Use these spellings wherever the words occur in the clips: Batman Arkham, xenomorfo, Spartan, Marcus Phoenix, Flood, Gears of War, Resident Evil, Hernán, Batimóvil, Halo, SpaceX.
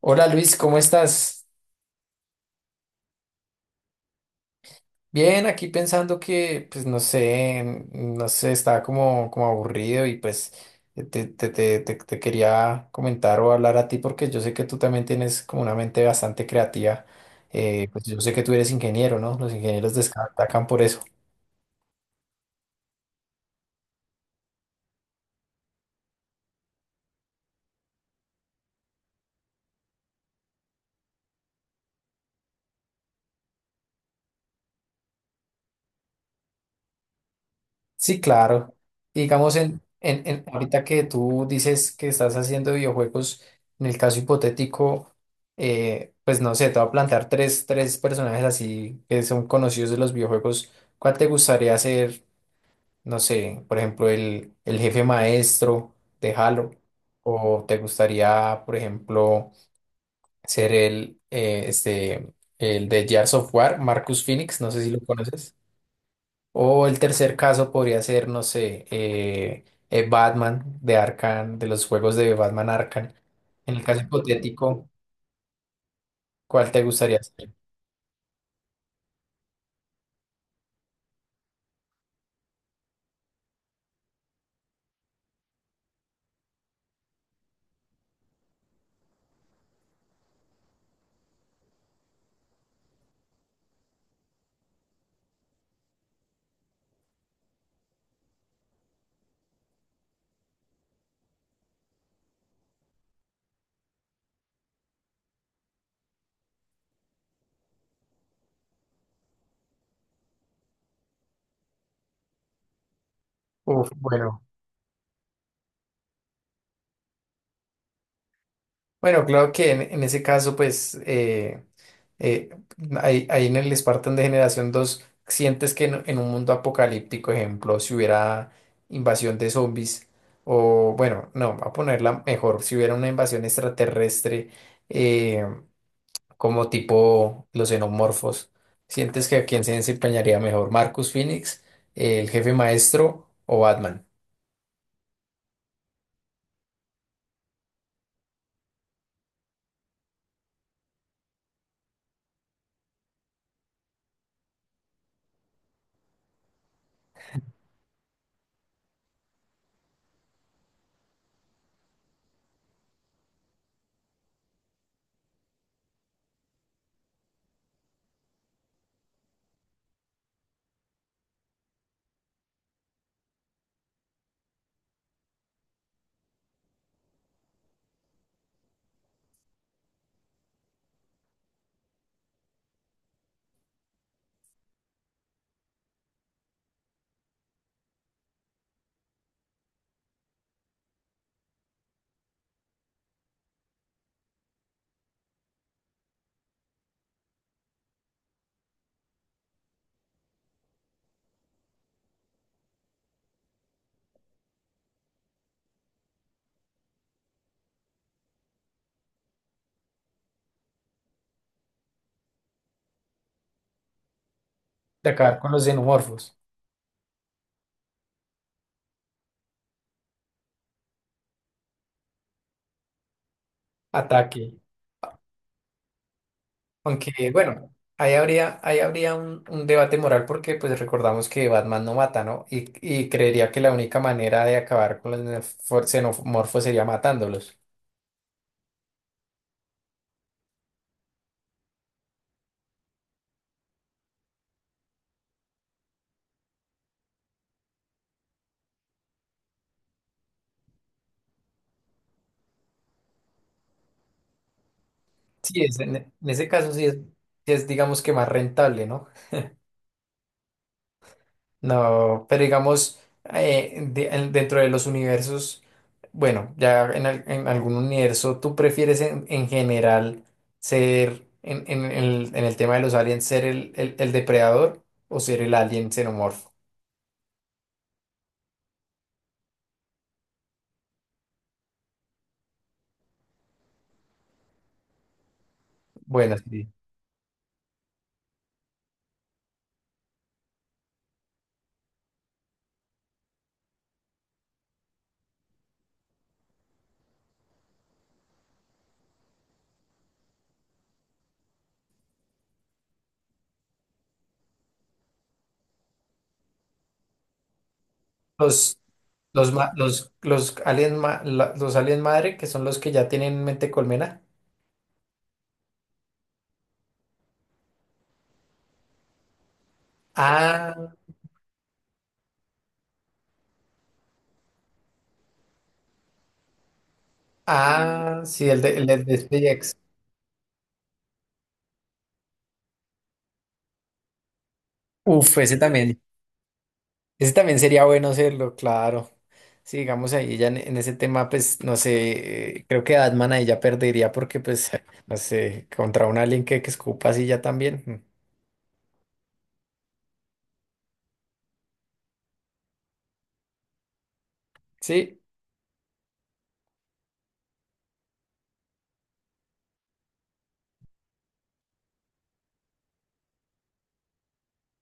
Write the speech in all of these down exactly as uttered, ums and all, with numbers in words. Hola Luis, ¿cómo estás? Bien, aquí pensando que, pues no sé, mm, no sé, estaba como, como aburrido y pues te, te, te, te- te quería comentar o hablar a ti porque yo sé que tú también tienes como una mente bastante creativa. Eh, pues yo sé que tú eres ingeniero, ¿no? Los ingenieros destacan por eso. Sí, claro. Y Digamos, en, en, en- ahorita que tú dices que estás haciendo videojuegos, en el caso hipotético, eh, pues no sé, te voy a plantear tres, tres personajes así que son conocidos de los videojuegos. ¿Cuál te gustaría ser? No sé, por ejemplo, el, el jefe maestro de Halo. ¿O te gustaría, por ejemplo, ser el, eh, este, el de Gears of War, Marcus Phoenix? No sé si lo conoces. O el tercer caso podría ser, no sé, eh, eh, Batman de Arkham, de los juegos de Batman Arkham. En el caso hipotético, ¿cuál te gustaría ser? Uf, bueno. Bueno, claro que en, en ese caso, pues, eh, eh, ahí, ahí en el Spartan de Generación dos sientes que en, en un mundo apocalíptico, ejemplo, si hubiera invasión de zombies, o bueno, no, voy a ponerla mejor, si hubiera una invasión extraterrestre. eh, Como tipo los xenomorfos. ¿Sientes que a quién se desempeñaría mejor, Marcus Phoenix, el jefe maestro o Batman? De acabar con los xenomorfos. Ataque. Aunque, bueno, ahí habría, ahí habría un, un debate moral porque pues recordamos que Batman no mata, ¿no? Y, y creería que la única manera de acabar con los nefo- xenomorfos sería matándolos. Sí, es, en, en ese caso sí es, sí es digamos que más rentable, ¿no? No, pero digamos, eh, de- en- dentro de los universos, bueno, ya en, al- en algún universo, ¿tú prefieres en, en general ser, en, en- en el, en el tema de los aliens, ser el, el- el depredador o ser el alien xenomorfo? Bueno, Sí. los, los, ma- los, los, aliens ma- la- los aliens madre, que son los que ya tienen mente colmena. Ah, ah, sí, el de, el de SpaceX. Uf, ese también. Ese también sería bueno hacerlo, claro. Sí, digamos ahí ya en, en ese tema, pues no sé, eh, creo que Atman ahí ya perdería porque pues, no sé, contra un alien que, que escupa así ya también. Mm. Sí,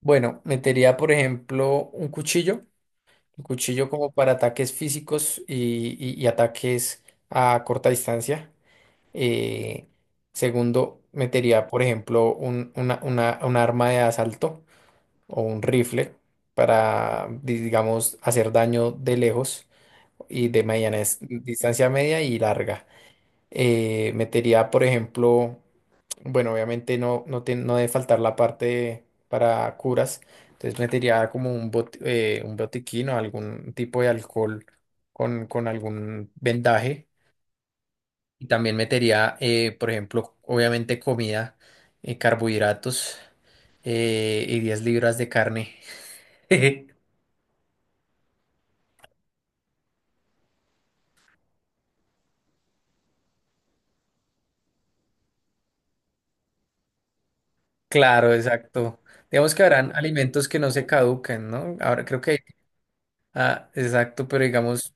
bueno, metería por ejemplo un cuchillo, un cuchillo como para ataques físicos y, y- y ataques a corta distancia. Eh, Segundo, metería por ejemplo un, una, una- un arma de asalto. O un rifle para, digamos, hacer daño de lejos y de mediana es- distancia media y larga. Eh, metería, por ejemplo, bueno, obviamente no, no, te- no debe faltar la parte para curas, entonces metería como un, bot- eh, un botiquín o algún tipo de alcohol con, con algún vendaje. Y también metería, eh, por ejemplo, obviamente comida, eh, carbohidratos eh, y diez libras de carne. Claro, exacto. Digamos que habrán alimentos que no se caducan, ¿no? Ahora creo que, ah, exacto, pero digamos,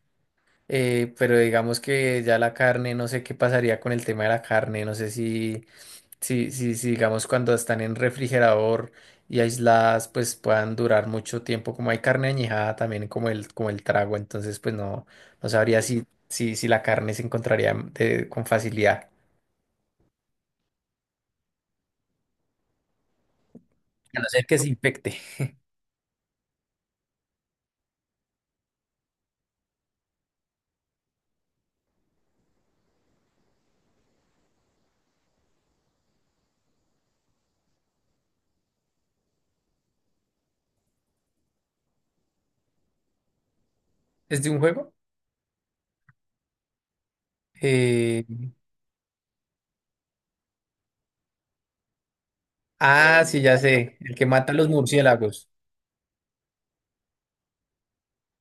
eh, pero digamos que ya la carne, no sé qué pasaría con el tema de la carne, no sé si, si, si, si digamos cuando están en refrigerador y aisladas, pues puedan durar mucho tiempo, como hay carne añejada también como el, como el trago, entonces pues no, no sabría si, si, si la carne se encontraría de- con facilidad. A no ser que se infecte. ¿Es de un juego? Eh, Ah, sí, ya sé. El que mata a los murciélagos.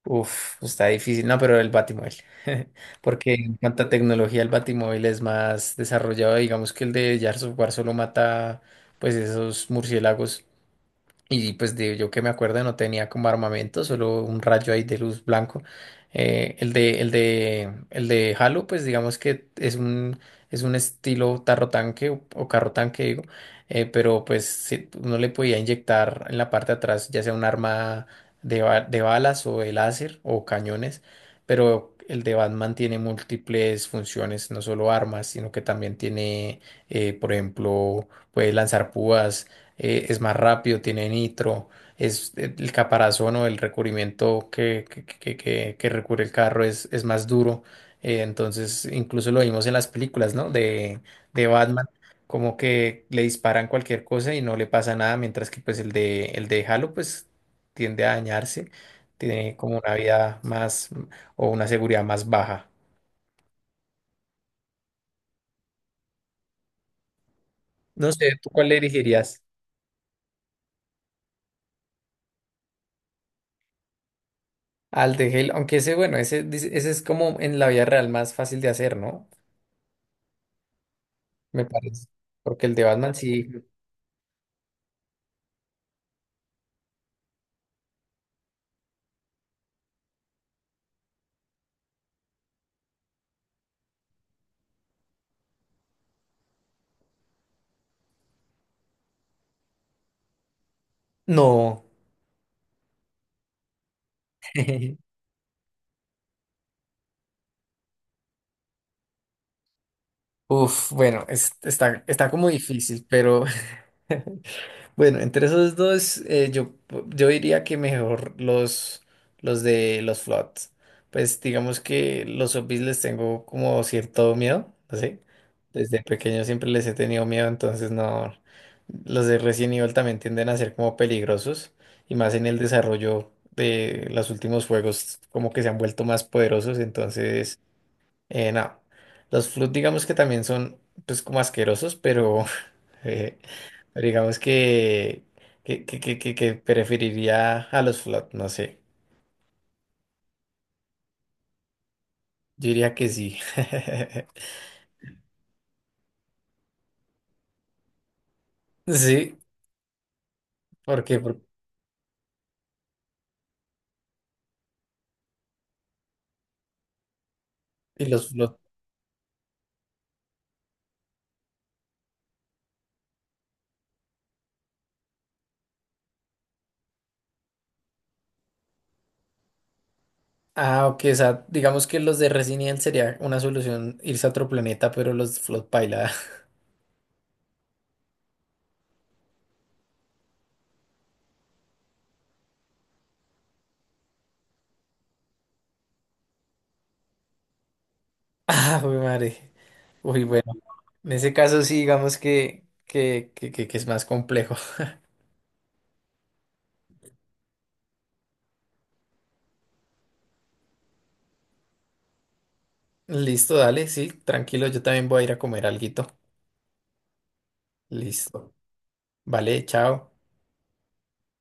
Uf, está difícil. No, pero el Batimóvil. Porque en cuanto a tecnología, el Batimóvil es más desarrollado. Digamos que el de Gears of War solo mata, pues, esos murciélagos. Y pues de, yo que me acuerdo no tenía como armamento, solo un rayo ahí de luz blanco. Eh, el de, el de, el de Halo, pues digamos que es un, es un estilo tarro tanque o, o carro tanque, digo. Eh, pero pues sí, uno le podía inyectar en la parte de atrás, ya sea un arma de, ba- de balas o de láser o cañones. Pero el de Batman tiene múltiples funciones, no solo armas, sino que también tiene, eh, por ejemplo, puede lanzar púas eh, es más rápido, tiene nitro, es el caparazón o el recubrimiento que, que, que- que- que recubre el carro es, es más duro. Eh, entonces, incluso lo vimos en las películas, ¿no? De, de Batman, como que le disparan cualquier cosa y no le pasa nada, mientras que pues el de, el de Halo pues tiende a dañarse, tiene como una vida más o una seguridad más baja. No sé, ¿tú cuál le dirigirías? Al de Halo, aunque ese, bueno, ese, dice- ese es como en la vida real más fácil de hacer, ¿no? Me parece. Porque el de Batman sí. No. Uf, bueno, es- está, está como difícil, pero Bueno, entre esos dos, eh, yo, yo diría que mejor los, los de los Floods. Pues digamos que los zombies les tengo como cierto miedo, ¿sí? Desde pequeño siempre les he tenido miedo, entonces no. Los de Resident Evil también tienden a ser como peligrosos, y más en el desarrollo de los últimos juegos, como que se han vuelto más poderosos, entonces, eh, no. Los Flood digamos que también son, pues, como asquerosos, pero. Eh, pero digamos que, que, que, que, que- que preferiría a los flot, no sé. Yo diría que sí. Sí, porque y los flot. Ah, ok, o sea, digamos que los de Resident Evil sería una solución irse a otro planeta, pero los flot paila. Ah, uy, madre. Uy, bueno. En ese caso sí, digamos que, que, que, que, que es más complejo. Listo, dale, sí, tranquilo, yo también voy a ir a comer alguito. Listo. Vale, chao.